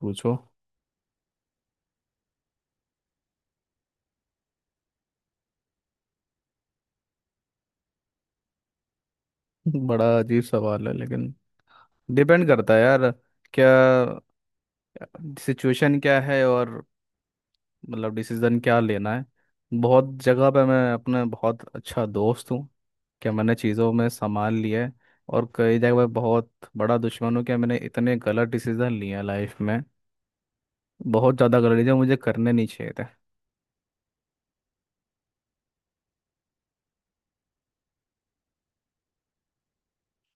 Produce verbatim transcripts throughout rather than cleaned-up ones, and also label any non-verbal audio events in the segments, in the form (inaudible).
पूछो। (laughs) बड़ा अजीब सवाल है, लेकिन डिपेंड करता है यार। क्या सिचुएशन क्या है? और मतलब डिसीजन क्या लेना है। बहुत जगह पे मैं अपने बहुत अच्छा दोस्त हूँ, क्या मैंने चीज़ों में संभाल लिया है। और कई जगह पे बहुत बड़ा दुश्मन हूँ, क्या मैंने इतने गलत डिसीजन लिए हैं लाइफ में। बहुत ज़्यादा गलत डिसीजन मुझे करने नहीं चाहिए थे।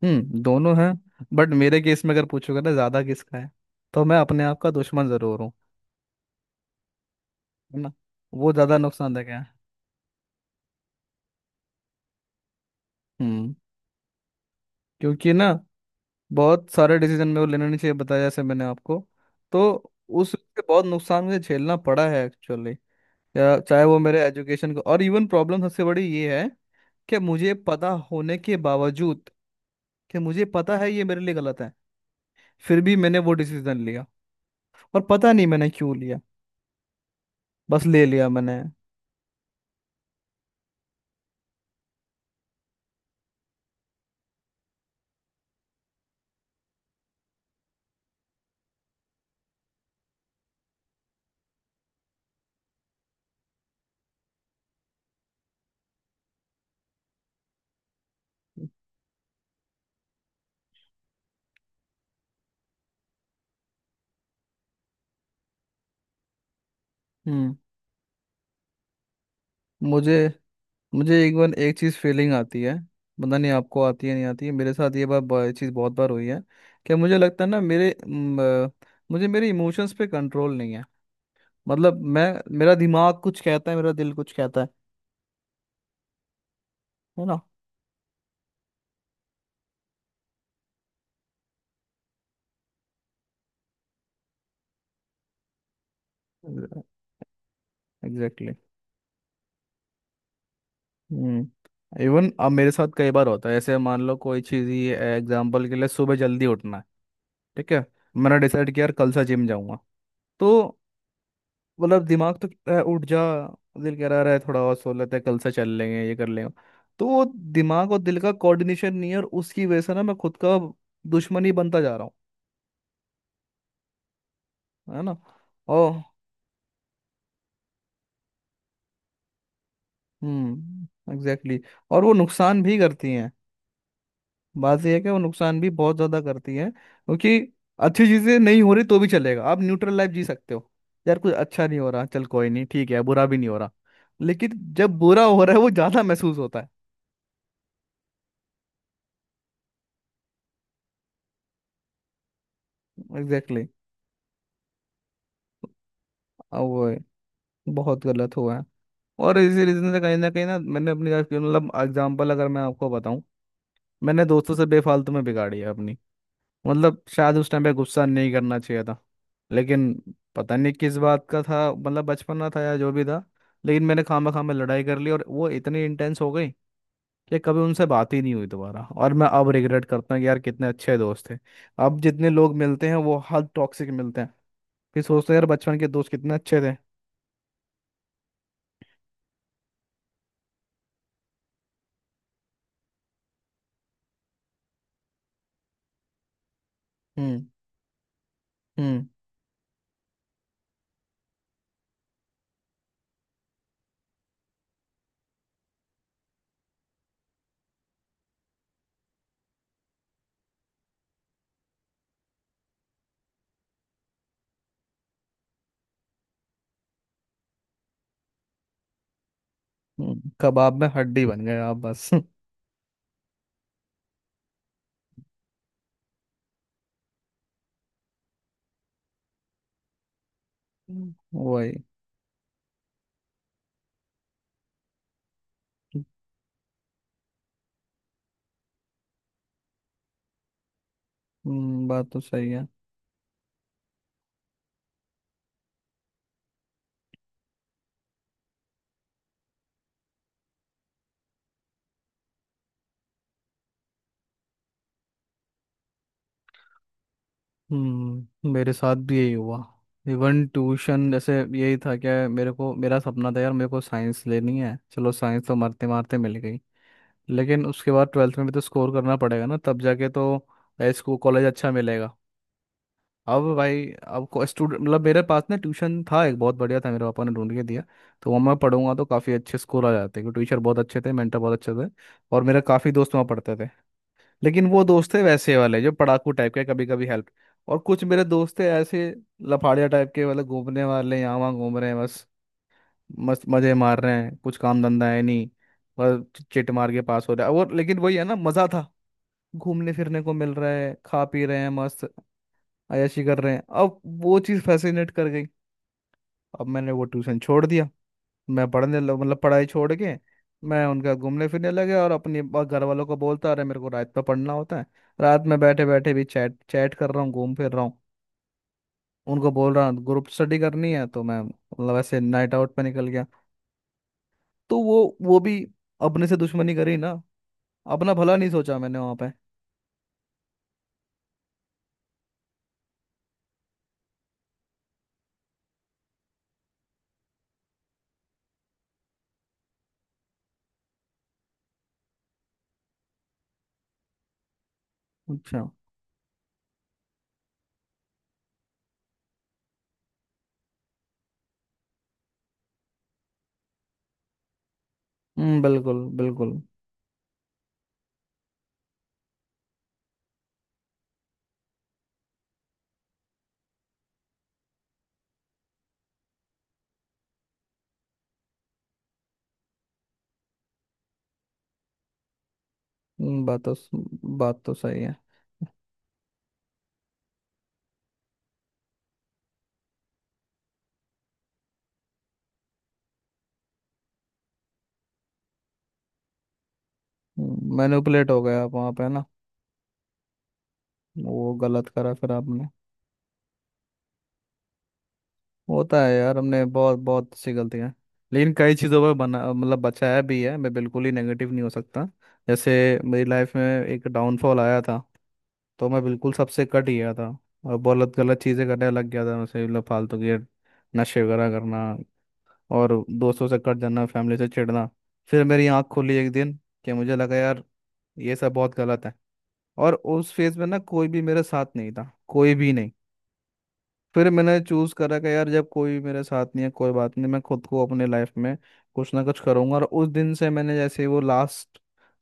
हम्म, दोनों हैं। बट मेरे केस में अगर पूछोगे ना ज़्यादा किसका है, तो मैं अपने आप का दुश्मन ज़रूर हूँ। है ना। वो ज़्यादा नुकसानदायक है। हम्म, क्योंकि ना बहुत सारे डिसीजन में वो लेना नहीं चाहिए, बताया जैसे मैंने आपको। तो उससे बहुत नुकसान मुझे झेलना पड़ा है एक्चुअली। या चाहे वो मेरे एजुकेशन को, और इवन प्रॉब्लम सबसे बड़ी ये है कि मुझे पता होने के बावजूद, कि मुझे पता है ये मेरे लिए गलत है, फिर भी मैंने वो डिसीजन लिया। और पता नहीं मैंने क्यों लिया, बस ले लिया मैंने। हम्म। मुझे मुझे एक बार एक चीज़ फीलिंग आती है। पता नहीं आपको आती है नहीं आती है, मेरे साथ ये बार बार चीज़ बहुत बार हुई है। कि मुझे लगता है ना, मेरे म, अ, मुझे मेरे इमोशंस पे कंट्रोल नहीं है। मतलब मैं, मेरा दिमाग कुछ कहता है मेरा दिल कुछ कहता है। है ना। एग्जैक्टली। हम्म, इवन अब मेरे साथ कई बार होता है, ऐसे मान लो कोई चीज़ ही, एग्जाम्पल के लिए सुबह जल्दी उठना है, ठीक है। मैंने डिसाइड किया यार कल से जिम जाऊंगा, तो मतलब दिमाग तो कह रहा है उठ जा, दिल कह रहा है थोड़ा और सो लेते हैं, कल से चल लेंगे, ये कर लेंगे। तो वो दिमाग और दिल का कोऑर्डिनेशन नहीं है, और उसकी वजह से ना मैं खुद का दुश्मन ही बनता जा रहा हूँ। है ना। और हम्म, एग्जैक्टली exactly। और वो नुकसान भी करती हैं। बात ये है कि वो नुकसान भी बहुत ज़्यादा करती हैं, क्योंकि अच्छी चीज़ें नहीं हो रही तो भी चलेगा, आप न्यूट्रल लाइफ जी सकते हो। यार कुछ अच्छा नहीं हो रहा, चल कोई नहीं, ठीक है, बुरा भी नहीं हो रहा। लेकिन जब बुरा हो रहा है वो ज़्यादा महसूस होता है। एग्जैक्टली, बहुत गलत हुआ है। और इसी रीजन से कहीं ना कहीं ना मैंने अपनी लाइफ की, मतलब एग्जांपल अगर मैं आपको बताऊं, मैंने दोस्तों से बेफालतू में बिगाड़ी है अपनी। मतलब शायद उस टाइम पे गुस्सा नहीं करना चाहिए था, लेकिन पता नहीं किस बात का था, मतलब बचपना था या जो भी था। लेकिन मैंने खामा खामा लड़ाई कर ली, और वो इतनी इंटेंस हो गई कि कभी उनसे बात ही नहीं हुई दोबारा। और मैं अब रिग्रेट करता हूँ कि यार कितने अच्छे दोस्त थे। अब जितने लोग मिलते हैं वो हद टॉक्सिक मिलते हैं। फिर सोचते हैं यार बचपन के दोस्त कितने अच्छे थे। हम्म, हम्म। हम्म, कबाब में हड्डी बन गए आप बस। हम्म। वही। हम्म, बात तो सही है। हम्म, मेरे साथ भी यही हुआ। इवन ट्यूशन जैसे यही था क्या। मेरे को मेरा सपना था यार, मेरे को साइंस लेनी है, चलो साइंस तो मारते मारते मिल गई। लेकिन उसके बाद ट्वेल्थ में भी तो स्कोर करना पड़ेगा ना, तब जाके तो इसको कॉलेज अच्छा मिलेगा। अब भाई अब को स्टूडेंट, मतलब मेरे पास ना ट्यूशन था एक, बहुत बढ़िया था, मेरे पापा ने ढूंढ के दिया। तो वहाँ मैं पढ़ूंगा तो काफ़ी अच्छे स्कोर आ जाते, क्योंकि टीचर बहुत अच्छे थे, मेंटर बहुत अच्छे थे। और मेरे काफ़ी दोस्त वहाँ पढ़ते थे। लेकिन वो दोस्त थे वैसे वाले जो पढ़ाकू टाइप के, कभी कभी हेल्प। और कुछ मेरे दोस्त थे ऐसे लफाड़िया टाइप के वाले, घूमने वाले, यहाँ वहाँ घूम रहे हैं बस, मस्त मज़े मार रहे हैं, कुछ काम धंधा है नहीं, बस चिट मार के पास हो रहा है। और लेकिन वही है ना, मज़ा था, घूमने फिरने को मिल रहा है, खा पी रहे हैं, मस्त अय्याशी कर रहे हैं। अब वो चीज़ फैसिनेट कर गई। अब मैंने वो ट्यूशन छोड़ दिया, मैं पढ़ने लग मतलब पढ़ाई छोड़ के मैं उनका घूमने फिरने लगे। और अपने ब- घर वालों को बोलता अरे मेरे को रात में पढ़ना होता है। रात में बैठे बैठे भी चैट चैट कर रहा हूँ, घूम फिर रहा हूँ। उनको बोल रहा हूँ ग्रुप स्टडी करनी है, तो मैं मतलब ऐसे नाइट आउट पे निकल गया। तो वो वो भी, अपने से दुश्मनी करी ना, अपना भला नहीं सोचा मैंने वहाँ पे। अच्छा। हम्म, बिल्कुल बिल्कुल। हम्म, बात तो बात तो सही है। हम्म, मैनिपुलेट हो गया आप वहाँ पे ना, वो गलत करा फिर आपने। होता है यार, हमने बहुत बहुत सी गलतियां। लेकिन कई चीज़ों पर बना मतलब बचाया भी है, मैं बिल्कुल ही नेगेटिव नहीं हो सकता। जैसे मेरी लाइफ में एक डाउनफॉल आया था, तो मैं बिल्कुल सबसे कट गया था, और बहुत गलत चीज़ें करने लग गया था, जैसे मतलब फालतू के नशे वगैरह करना, और दोस्तों से कट जाना, फैमिली से चिढ़ना। फिर मेरी आँख खुली एक दिन, कि मुझे लगा यार ये सब बहुत गलत है। और उस फेज में ना कोई भी मेरे साथ नहीं था, कोई भी नहीं। फिर मैंने चूज करा कि यार जब कोई मेरे साथ नहीं है, कोई बात नहीं, मैं खुद को अपने लाइफ में कुछ ना कुछ करूंगा। और उस दिन से मैंने जैसे वो लास्ट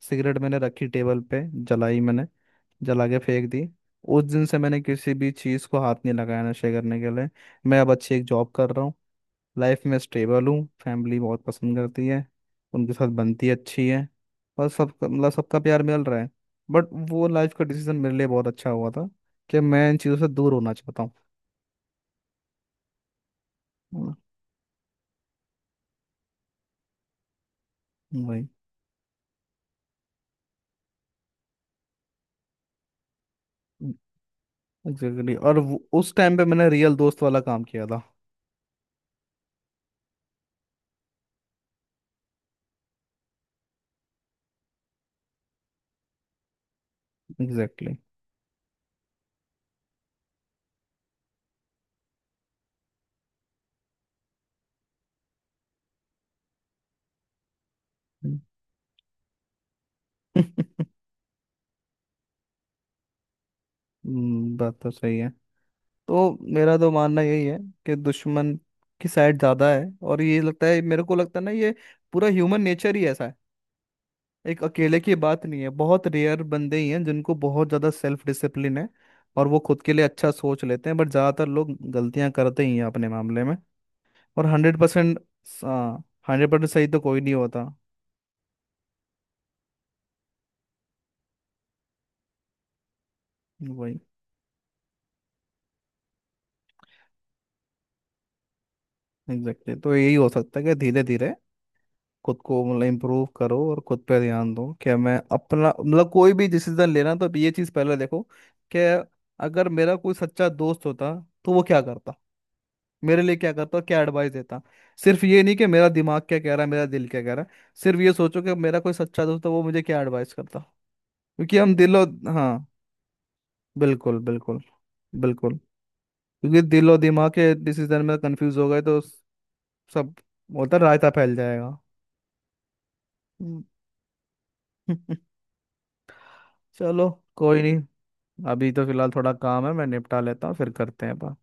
सिगरेट मैंने रखी, टेबल पे जलाई मैंने, जला के फेंक दी। उस दिन से मैंने किसी भी चीज़ को हाथ नहीं लगाया नशे करने के लिए। मैं अब अच्छी एक जॉब कर रहा हूँ, लाइफ में स्टेबल हूँ, फैमिली बहुत पसंद करती है, उनके साथ बनती अच्छी है, और सबका मतलब सबका प्यार मिल रहा है। बट वो लाइफ का डिसीजन मेरे लिए बहुत अच्छा हुआ था, कि मैं इन चीज़ों से दूर होना चाहता हूँ। वही एग्जैक्टली। और वो- उस टाइम पे मैंने रियल दोस्त वाला काम किया था। एग्जैक्टली। (laughs) बात तो सही है। तो मेरा तो मानना यही है कि दुश्मन की साइड ज्यादा है। और ये लगता है, मेरे को लगता है ना, ये पूरा ह्यूमन नेचर ही ऐसा है, एक अकेले की बात नहीं है। बहुत रेयर बंदे ही हैं जिनको बहुत ज्यादा सेल्फ डिसिप्लिन है और वो खुद के लिए अच्छा सोच लेते हैं। बट ज्यादातर लोग गलतियां करते ही हैं अपने मामले में। और हंड्रेड परसेंट, हाँ, हंड्रेड परसेंट सही तो कोई नहीं होता। वही एग्जैक्टली exactly। तो यही हो सकता है कि धीरे धीरे खुद को मतलब इम्प्रूव करो और खुद पे ध्यान दो, कि मैं अपना मतलब कोई भी डिसीजन लेना तो अब ये चीज़ पहले देखो, कि अगर मेरा कोई सच्चा दोस्त होता तो वो क्या करता, मेरे लिए क्या करता, क्या एडवाइस देता। सिर्फ ये नहीं कि मेरा दिमाग क्या कह रहा है, मेरा दिल क्या कह रहा है, सिर्फ ये सोचो कि मेरा कोई सच्चा दोस्त है, वो मुझे क्या एडवाइस करता। क्योंकि हम दिलो, हाँ, बिल्कुल बिल्कुल बिल्कुल, क्योंकि दिलो दिमाग के डिसीजन में कंफ्यूज हो गए तो सब होता है, रायता फैल जाएगा। हम्म। (laughs) चलो, कोई नहीं। अभी तो फिलहाल थोड़ा काम है, मैं निपटा लेता हूँ, फिर करते हैं बात।